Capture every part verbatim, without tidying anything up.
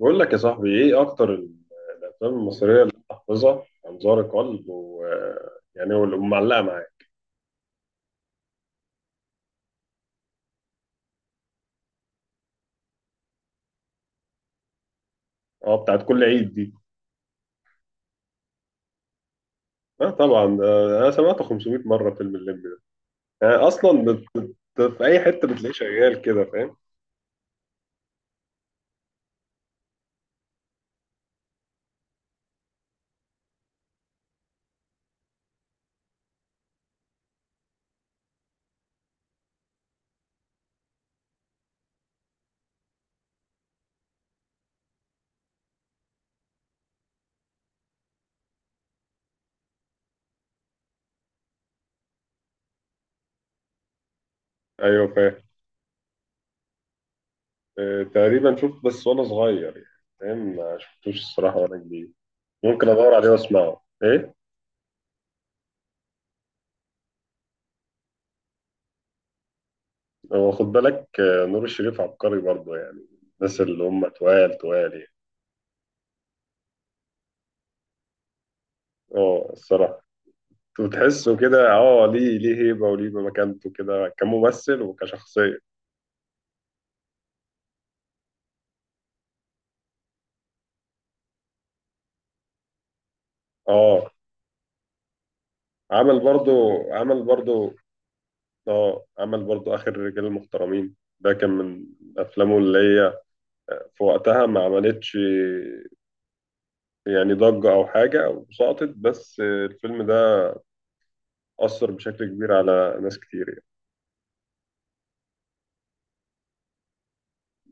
بقول لك يا صاحبي ايه اكتر ال- الافلام المصريه اللي أنا حافظها انظار قلب و يعني هو اللي معلقه معايا. اه، بتاعت كل عيد دي. اه طبعا، ده انا سمعته خمسمية مره فيلم الليمبي ده. يعني اصلا بت- في اي حته بتلاقيه شغال كده، فاهم؟ ايوه فاهم. آه، تقريبا شفت بس وانا صغير، يعني فاهم. ما شفتوش الصراحه وانا كبير. ممكن ادور عليه واسمعه. ايه هو، خد بالك آه، نور الشريف عبقري برضه يعني. الناس اللي هم توال توال يعني. اه الصراحه. وتحسه كده، اه ليه ليه هيبة وليه مكانته كده كممثل وكشخصية. اه عمل برضو، عمل برضو. اه عمل برضو آخر رجال المحترمين، ده كان من أفلامه اللي هي آه، في وقتها ما عملتش يعني ضجة أو حاجة، أو سقطت، بس الفيلم ده أثر بشكل كبير على ناس كتير يعني.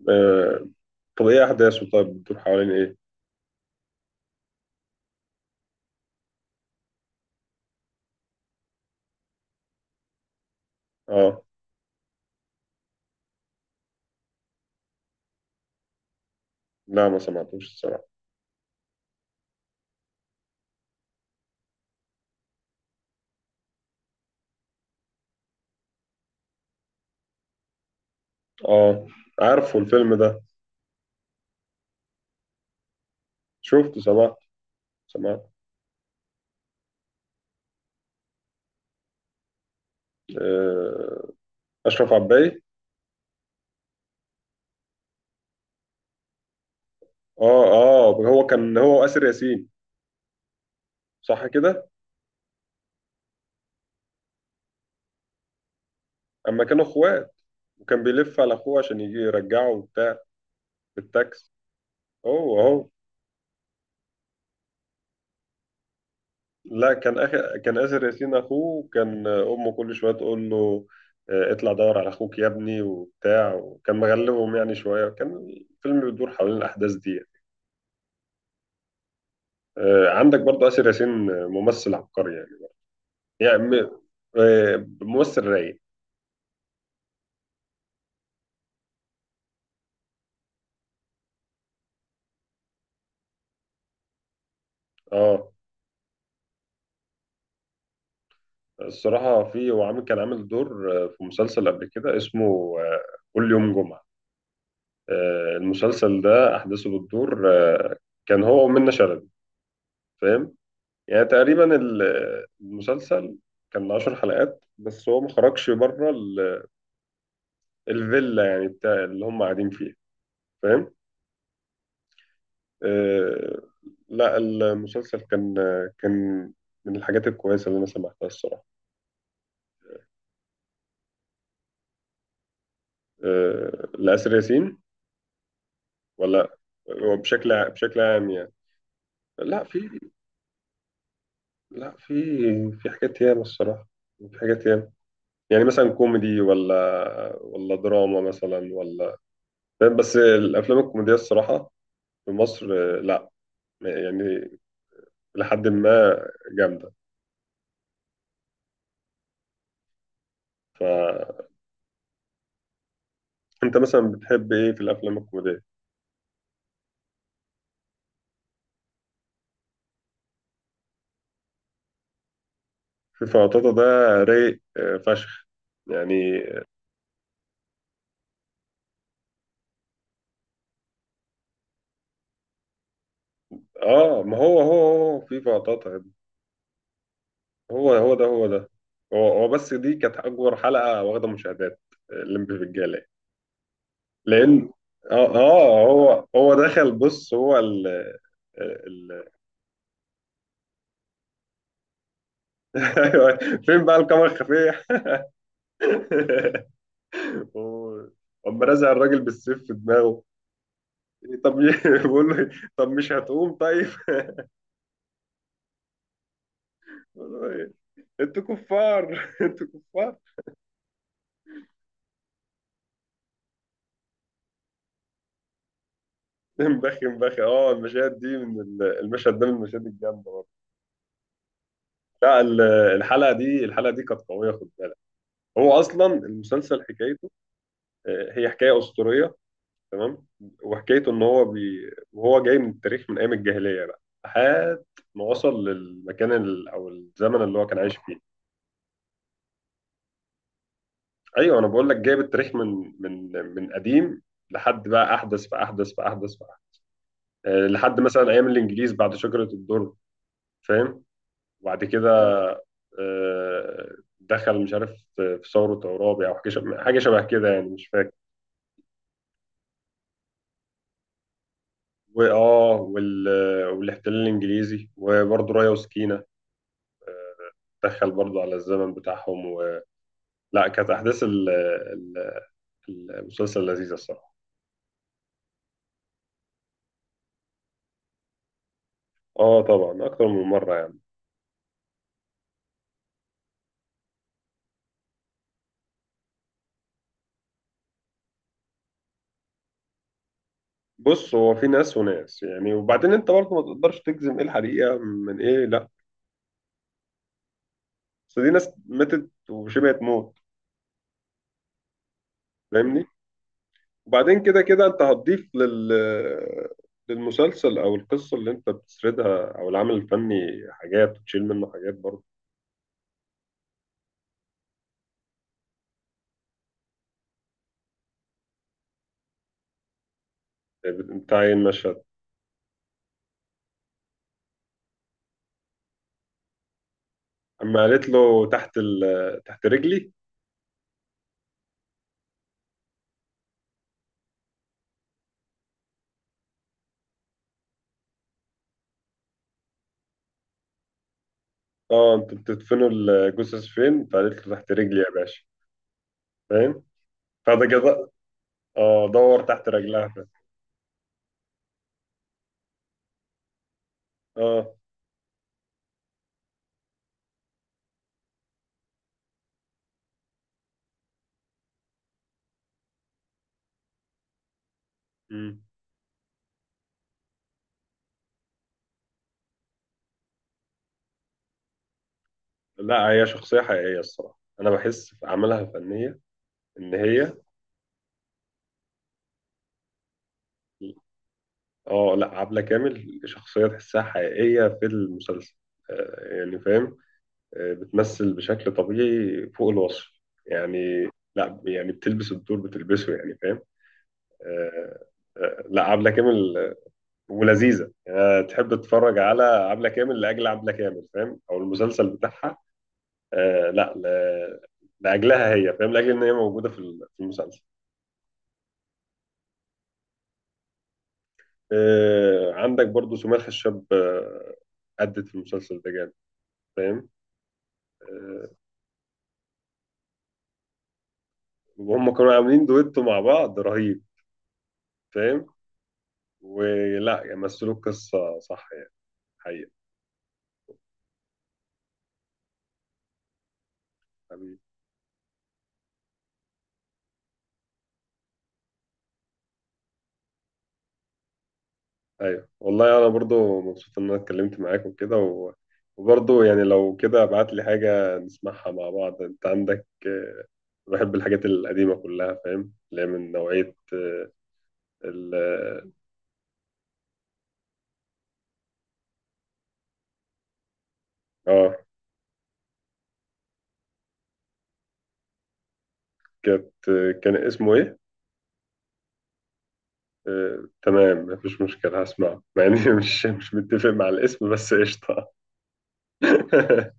آه، طب إيه أحداثه؟ طيب بتدور حوالين إيه؟ اه لا، ما سمعتوش الصراحة. اه، عارفه الفيلم ده، شفته، سمعت سمعت. اشرف عباي. اه اه، هو كان هو واسر ياسين، صح كده؟ اما كانوا اخوات، وكان بيلف على اخوه عشان يجي يرجعه وبتاع بالتاكس. هو اهو. لا كان أخ... كان اسر ياسين اخوه، وكان امه كل شويه تقول له آه، اطلع دور على اخوك يا ابني وبتاع، وكان مغلبهم يعني شويه. كان الفيلم بيدور حوالين الاحداث دي يعني. آه، عندك برضه اسر ياسين، ممثل عبقري يعني. يعني م- آه، ممثل رايق. اه الصراحة، في هو عامل، كان عامل دور آه، في مسلسل قبل كده اسمه آه، كل يوم جمعة. آه، المسلسل ده أحداثه بتدور، آه، كان هو ومنة شلبي، فاهم؟ يعني تقريبا ال- آه، المسلسل كان عشر حلقات، بس هو ما خرجش بره ال- الفيلا يعني بتاع اللي هم قاعدين فيها، فاهم؟ آه، لا المسلسل كان آه، كان من الحاجات الكويسة اللي أنا سمعتها الصراحة. آه، لآسر ياسين، ولا هو بشكل بشكل عام يعني. لا في، لا في، في حاجات ياما الصراحة، في حاجات ياما يعني. مثلا كوميدي ولا ولا دراما مثلا، ولا فاهم؟ بس الأفلام الكوميدية الصراحة في مصر آه، لا يعني، لحد ما جامدة. فأنت مثلا بتحب إيه في الأفلام الكوميدية؟ في فواتاتا ده، رايق آه، فشخ يعني. آه، ما هو هو هو في فواتاتا يا ابني. هو هو ده، هو ده هو هو، بس دي كانت أكبر حلقة واخدة مشاهدات. آه، الليمبي في الجالة، لان اه اه هو هو دخل، بص هو ال ال ايوه، فين بقى الكاميرا الخفيه؟ هو- قام رازع الراجل بالسيف في دماغه. طب ي- بيقول له طب مش هتقوم طيب. بيقول له إيه؟ انتوا كفار، انتوا كفار. مبخي مبخي، اه المشاهد دي من ال- المشهد ده من المشاهد الجامده برضه. لا ال- الحلقه دي الحلقه دي كانت قويه، خد بالك. هو اصلا المسلسل حكايته، آه، هي حكايه اسطوريه، تمام؟ وحكايته ان هو بي... وهو جاي من التاريخ من ايام الجاهليه بقى، لحد ما وصل للمكان ال... او الزمن اللي هو كان عايش فيه. ايوه انا بقول لك جايب التاريخ من من من قديم لحد بقى احدث، فاحدث، فاحدث، فأحدث. أه لحد مثلا ايام الانجليز بعد شجره الدر، فاهم؟ وبعد كده أه دخل، مش عارف، في ثوره عرابي او حاجه، شبه حاجة شبه كده يعني، مش فاكر. واه وال... والاحتلال الانجليزي، وبرضه رايه وسكينه دخل برضه على الزمن بتاعهم. لا، كانت احداث ال- ال- المسلسل لذيذه الصراحه. اه طبعا اكتر من مره يعني. بص هو في ناس وناس يعني، وبعدين انت برضه ما تقدرش تجزم ايه الحقيقه من ايه. لا بس دي ناس ماتت وشبه تموت، فاهمني؟ وبعدين كده كده انت هتضيف لل للمسلسل او القصه اللي انت بتسردها او العمل الفني حاجات، وتشيل منه حاجات برضه. بتاع ايه المشهد؟ اما قالت له تحت ال... تحت رجلي. اه انتوا بتدفنوا الجثث فين؟ فقالت له تحت رجلي يا باشا، فاهم؟ فده كده اه دور تحت رجلها ف... اه، مم. لا هي شخصية حقيقية الصراحة، أنا بحس في أعمالها الفنية إن هي، اه لا عبلة كامل شخصية تحسها حقيقية في المسلسل. آه، يعني فاهم، آه، بتمثل بشكل طبيعي فوق الوصف يعني. لا يعني بتلبس الدور، بتلبسه يعني، فاهم؟ آه، آه، لا عبلة كامل، آه، ولذيذة يعني. أنا تحب تتفرج على عبلة كامل لأجل عبلة كامل، فاهم؟ أو المسلسل بتاعها. آه لا ل- لاجلها هي، فاهم، لاجل ان هي موجوده في ال- في المسلسل. آه عندك برضو سمية الخشاب، آه، أدت في المسلسل ده جامد، فاهم؟ آه، وهم كانوا عاملين دويتو مع بعض رهيب، فاهم؟ ولا يعني، مثلوا القصه صح يعني، حقيقة. حبيبي. ايوه والله انا برضو مبسوط ان انا اتكلمت معاك وكده و، وبرضو يعني لو كده ابعت لي حاجه نسمعها مع بعض. انت عندك آه، بحب الحاجات القديمه كلها، فاهم؟ اللي هي من نوعيه آه، ال اه، كانت، كان اسمه ايه؟ آه، تمام، مفيش مشكلة، هسمعه مع اني مش مش متفق مع الاسم، بس قشطة.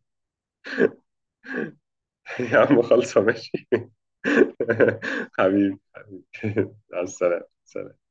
يا عم خلصة ماشي. حبيبي. على السلامة.